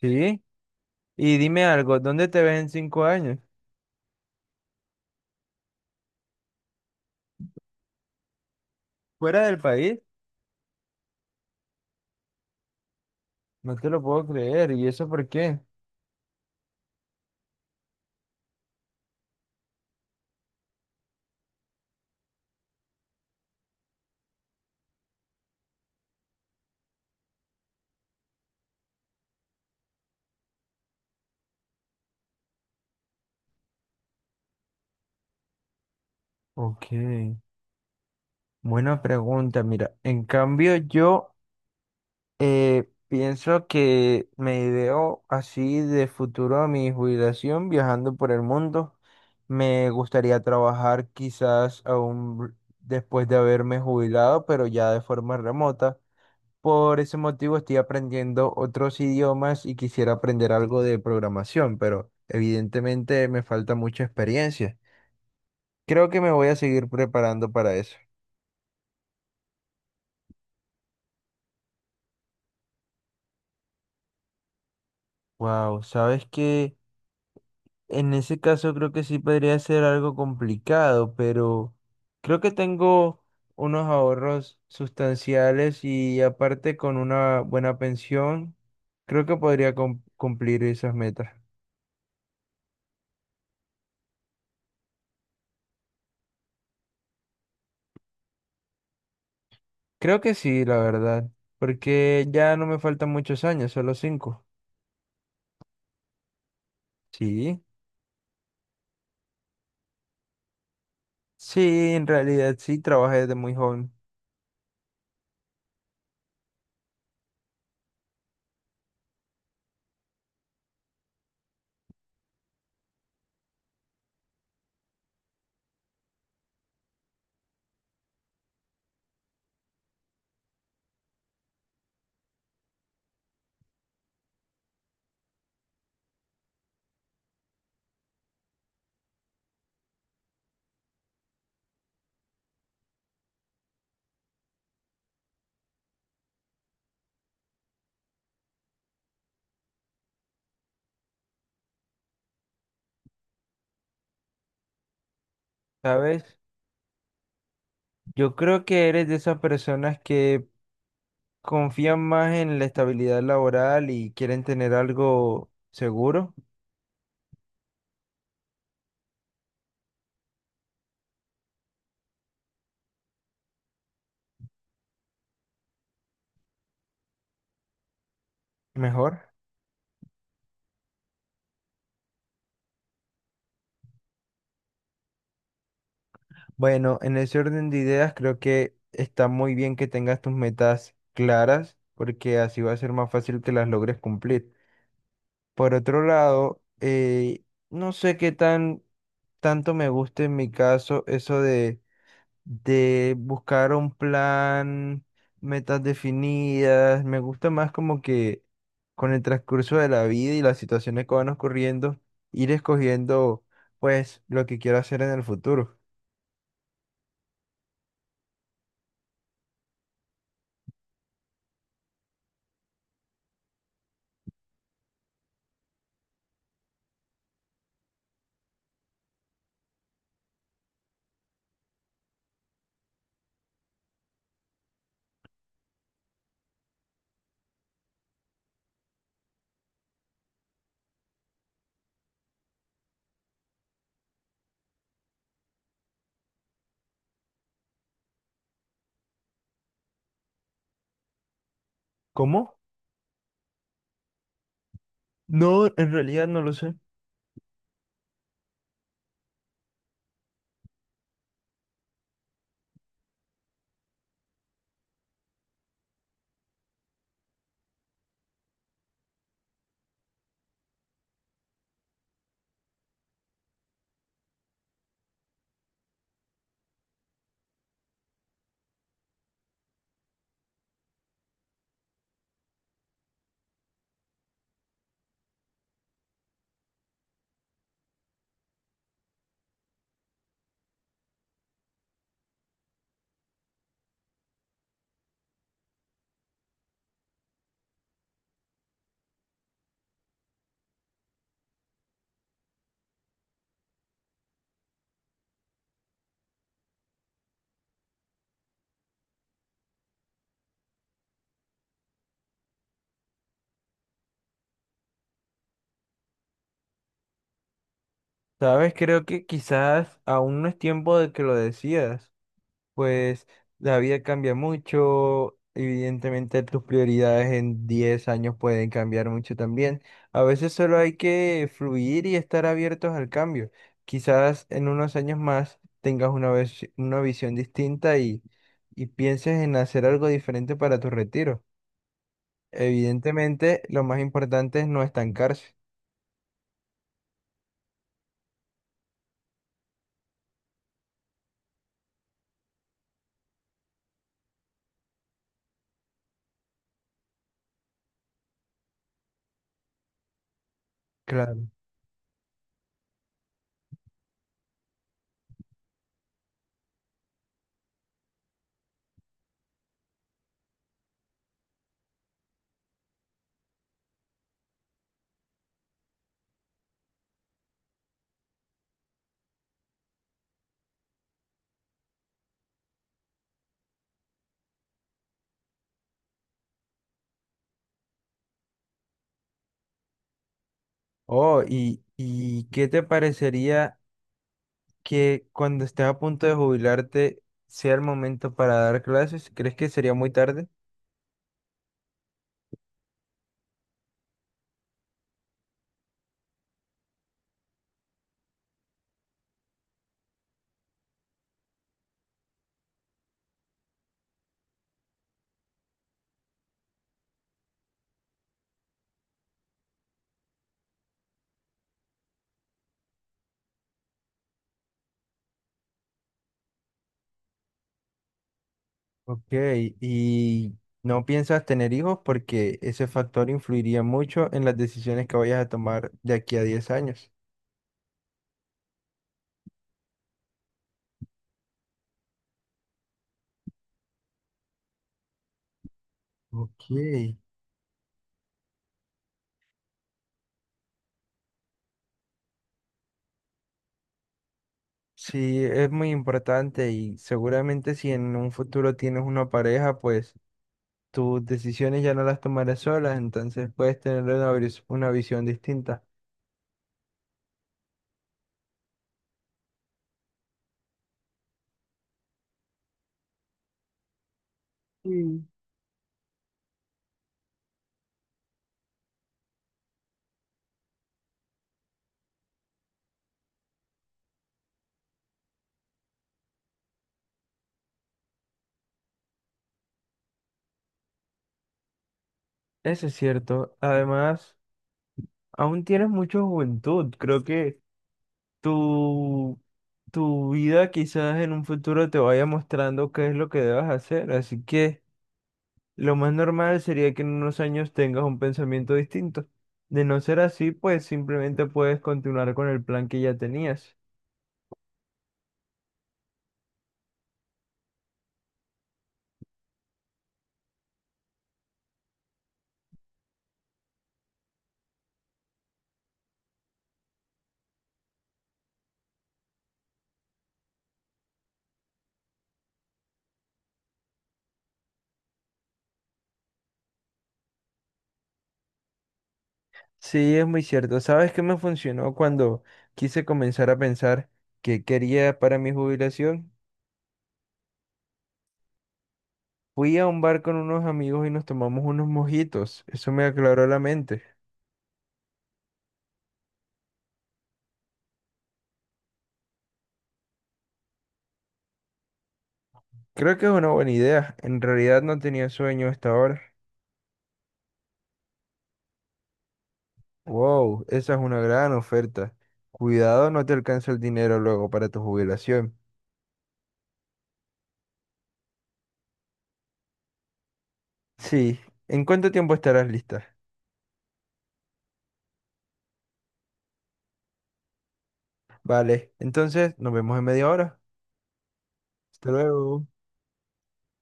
Sí, y dime algo, ¿dónde te ves en 5 años? ¿Fuera del país? No te lo puedo creer, ¿y eso por qué? Ok, buena pregunta, mira, en cambio yo pienso que me ideo así de futuro a mi jubilación viajando por el mundo. Me gustaría trabajar quizás aún después de haberme jubilado, pero ya de forma remota. Por ese motivo estoy aprendiendo otros idiomas y quisiera aprender algo de programación, pero evidentemente me falta mucha experiencia. Creo que me voy a seguir preparando para eso. Wow, sabes que en ese caso creo que sí podría ser algo complicado, pero creo que tengo unos ahorros sustanciales y aparte con una buena pensión, creo que podría cumplir esas metas. Creo que sí, la verdad, porque ya no me faltan muchos años, solo cinco. Sí. Sí, en realidad sí, trabajé desde muy joven, ¿sabes? Yo creo que eres de esas personas que confían más en la estabilidad laboral y quieren tener algo seguro, mejor. Bueno, en ese orden de ideas creo que está muy bien que tengas tus metas claras, porque así va a ser más fácil que las logres cumplir. Por otro lado, no sé qué tan tanto me gusta en mi caso eso de buscar un plan, metas definidas. Me gusta más como que con el transcurso de la vida y las situaciones que van ocurriendo, ir escogiendo pues lo que quiero hacer en el futuro. ¿Cómo? No, en realidad no lo sé. Sabes, creo que quizás aún no es tiempo de que lo decidas. Pues la vida cambia mucho, evidentemente tus prioridades en 10 años pueden cambiar mucho también. A veces solo hay que fluir y estar abiertos al cambio. Quizás en unos años más tengas una visión distinta y pienses en hacer algo diferente para tu retiro. Evidentemente, lo más importante es no estancarse. Claro. Oh, ¿Y qué te parecería que cuando estés a punto de jubilarte sea el momento para dar clases? ¿Crees que sería muy tarde? Ok, ¿y no piensas tener hijos porque ese factor influiría mucho en las decisiones que vayas a tomar de aquí a 10 años? Ok, sí, es muy importante y seguramente si en un futuro tienes una pareja, pues tus decisiones ya no las tomarás solas, entonces puedes tener una visión distinta. Mm. Eso es cierto. Además, aún tienes mucha juventud. Creo que tu, tu vida quizás en un futuro te vaya mostrando qué es lo que debas hacer. Así que lo más normal sería que en unos años tengas un pensamiento distinto. De no ser así, pues simplemente puedes continuar con el plan que ya tenías. Sí, es muy cierto. ¿Sabes qué me funcionó cuando quise comenzar a pensar qué quería para mi jubilación? Fui a un bar con unos amigos y nos tomamos unos mojitos. Eso me aclaró la mente. Creo que es una buena idea. En realidad no tenía sueño hasta ahora. Wow, esa es una gran oferta. Cuidado, no te alcanza el dinero luego para tu jubilación. Sí, ¿en cuánto tiempo estarás lista? Vale, entonces nos vemos en media hora. Hasta luego.